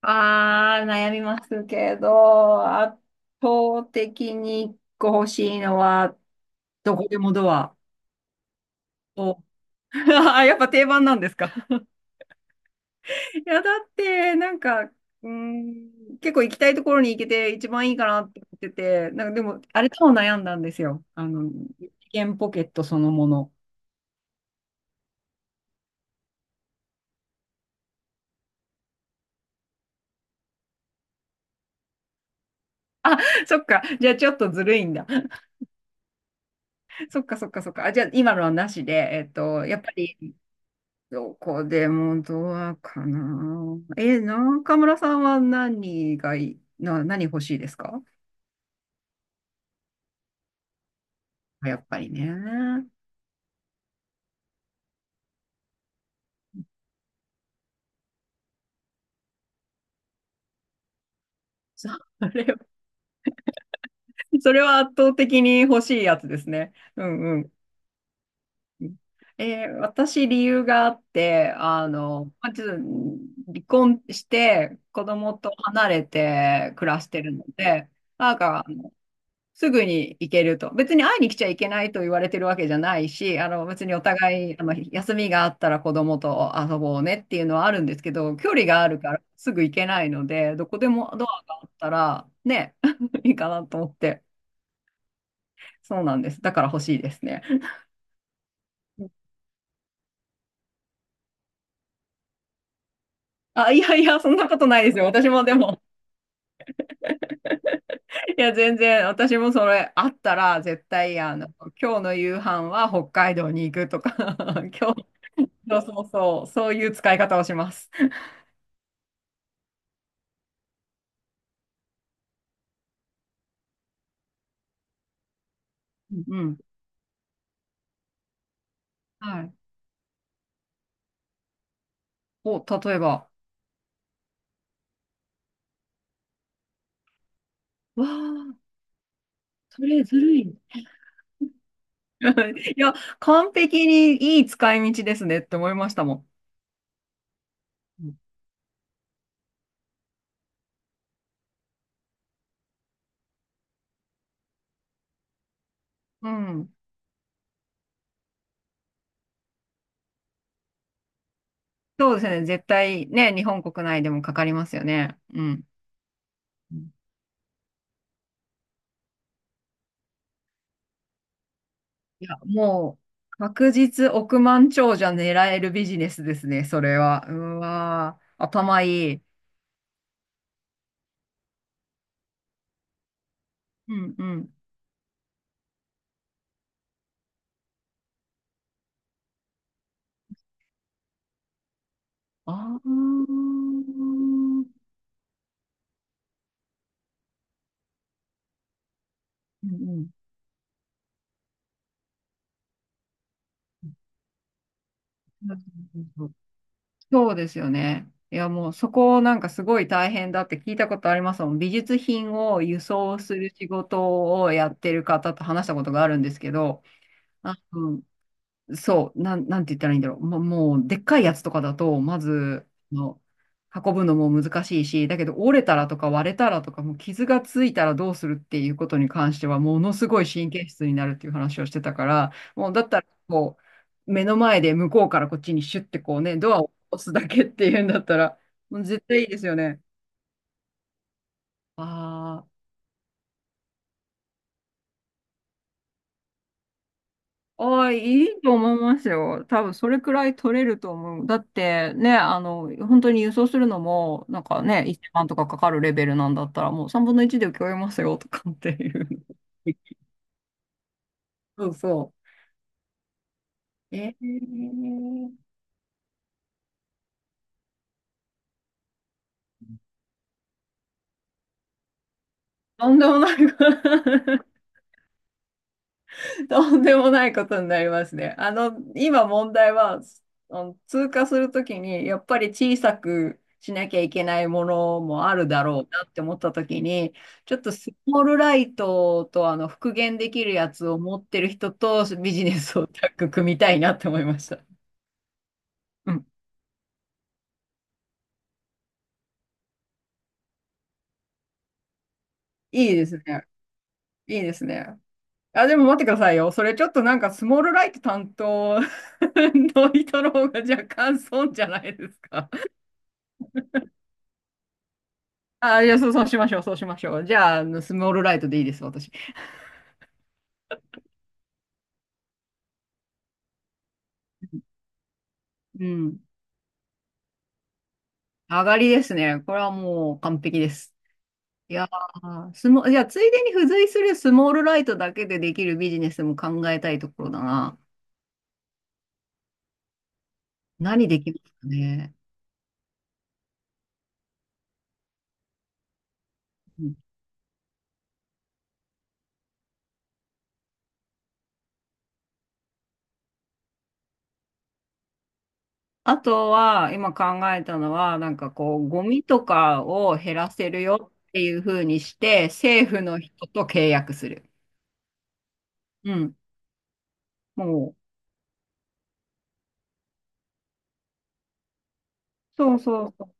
ああ、悩みますけど、圧倒的に一個欲しいのは、どこでもドアを。あ、やっぱ定番なんですか。いや、だって、なんか、結構行きたいところに行けて一番いいかなって思ってて、なんかでも、あれとも悩んだんですよ。一元ポケットそのもの。そっか、じゃあちょっとずるいんだ。そっかそっかそっか。あ、じゃあ今のはなしで、やっぱりどこでもドアかな。え、中村さんは何がいい、何欲しいですか？やっぱりね。それは、それは圧倒的に欲しいやつですね。うんうん。えー、私、理由があって、まず、離婚して、子供と離れて暮らしてるので、なんか、すぐに行けると。別に会いに来ちゃいけないと言われてるわけじゃないし、あの、別にお互いま休みがあったら子供と遊ぼうねっていうのはあるんですけど、距離があるからすぐ行けないので、どこでもドアがあったらね、いいかなと思って。そうなんです。だから欲しいですね。あ、いやいや、そんなことないですよ。私もでも、いや、全然、私もそれあったら、絶対、今日の夕飯は北海道に行くとか、今日、そうそうそう、そういう使い方をします。うんうん、はい。お、例えば。わあ、それずるい。いや、完璧にいい使い道ですねって思いましたもん。うん。うん。そうですね。絶対ね、日本国内でもかかりますよね。うん。うん、いや、もう、確実億万長者狙えるビジネスですね、それは。うわー、頭いい。うんうん。ああ。うんうん。うん、そうですよね。いや、もうそこなんかすごい大変だって聞いたことありますもん。美術品を輸送する仕事をやってる方と話したことがあるんですけど、あ、うん、そう、なんて言ったらいいんだろう。もう、もうでっかいやつとかだと、まず、運ぶのも難しいし、だけど折れたらとか割れたらとか、もう傷がついたらどうするっていうことに関しては、ものすごい神経質になるっていう話をしてたから、もうだったら、こう、目の前で向こうからこっちにシュッてこうね、ドアを押すだけっていうんだったら、もう絶対いいですよね。ああ。ああ、いいと思いますよ。多分それくらい取れると思う。だってね、本当に輸送するのも、なんかね、1万とかかかるレベルなんだったら、もう3分の1で請け負いますよとかっていう。そうそう。えー、とんでもない。とんでもないことになりますね。今問題は、あの、通過するときに、やっぱり小さくしなきゃいけないものもあるだろうなって思ったときに、ちょっとスモールライトと、あの、復元できるやつを持ってる人とビジネスをタッグ組みたいなって思いました。うん。いいですね。いいですね。あ、でも待ってくださいよ。それちょっとなんかスモールライト担当 の人の方が若干損じゃないですか。あ、いや、そう、そうしましょう、そうしましょう。じゃあ、あの、スモールライトでいいです、私。うん。上がりですね。これはもう完璧です。いやー、いや、ついでに付随するスモールライトだけでできるビジネスも考えたいところだな。何できますかね。うん、あとは、今考えたのは、なんかこう、ゴミとかを減らせるよっていう風にして、政府の人と契約する。うん。もう、そうそう、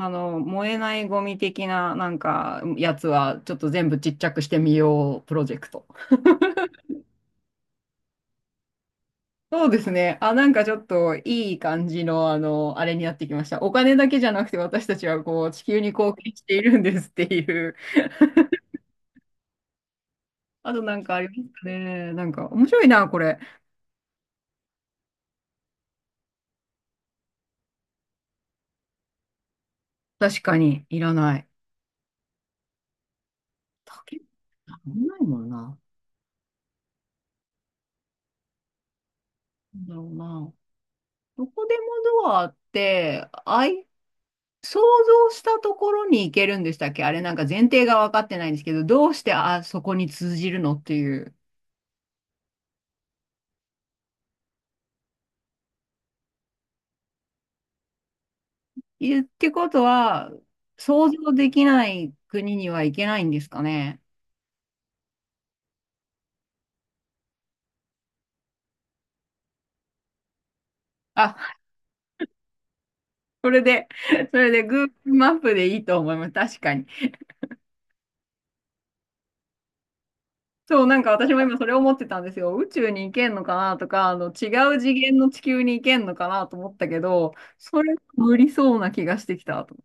あの、燃えないゴミ的な、なんか、やつは、ちょっと全部ちっちゃくしてみよう、プロジェクト。そうですね。あ、なんかちょっと、いい感じの、あの、あれになってきました。お金だけじゃなくて、私たちは、こう、地球に貢献しているんですっていう。あと、なんかありますかね。なんか、面白いな、これ。確かに、いらない。竹、なんもないもんな。なんだろうな。どこでもドアって、想像したところに行けるんでしたっけ？あれなんか前提が分かってないんですけど、どうしてあそこに通じるのっていう。いってことは、想像できない国には行けないんですかね。あ、それで、それで Google マップでいいと思います。確かに。そう、なんか私も今それ思ってたんですよ。宇宙に行けんのかなとか、あの、違う次元の地球に行けんのかなと思ったけど、それ無理そうな気がしてきたと。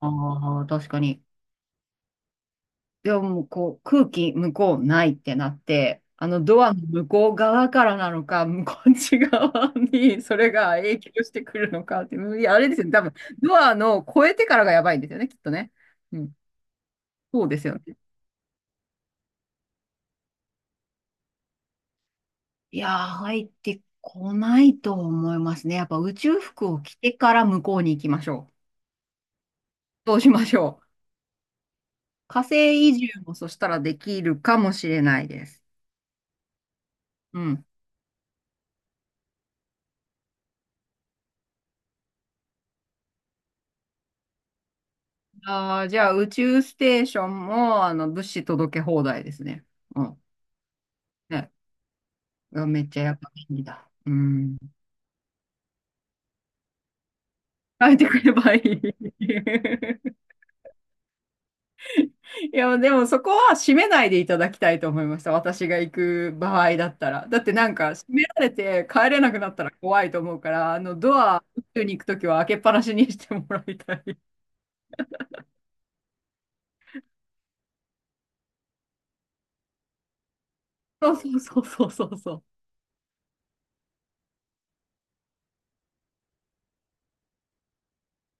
ああ、確かに。でももうこう空気向こうないってなって、あのドアの向こう側からなのか、向こっち側にそれが影響してくるのかって、いや、あれですよね、多分ドアの越えてからがやばいんですよね、きっとね。うん、そうですよね。いやー、入ってこないと思いますね。やっぱ宇宙服を着てから向こうに行きましょう。そうしましょう。火星移住もそしたらできるかもしれないです。うん。ああ、じゃあ宇宙ステーションも、あの、物資届け放題ですね。うん。ね。うわ、めっちゃやっぱ便利だ。うん。書いてくればいい。いや、でもそこは閉めないでいただきたいと思いました。私が行く場合だったら。だってなんか、閉められて帰れなくなったら怖いと思うから、あの、ドア、宇宙に行くときは開けっぱなしにしてもらいたい。そうそうそうそうそうそう。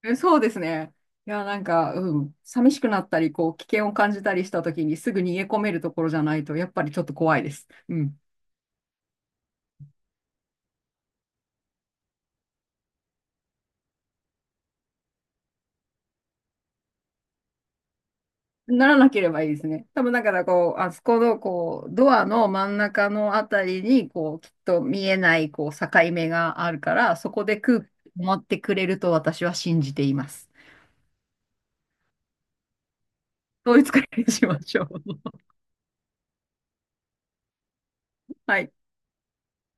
え、そうですね。いや、なんか、うん、寂しくなったり、こう、危険を感じたりしたときに、すぐ逃げ込めるところじゃないと、やっぱりちょっと怖いです。うん。ならなければいいですね。多分、だから、こう、あそこの、こう、ドアの真ん中のあたりに、こう、きっと見えない、こう、境目があるから、そこで空気を持ってくれると私は信じています。そういう使いにしましょう。はい。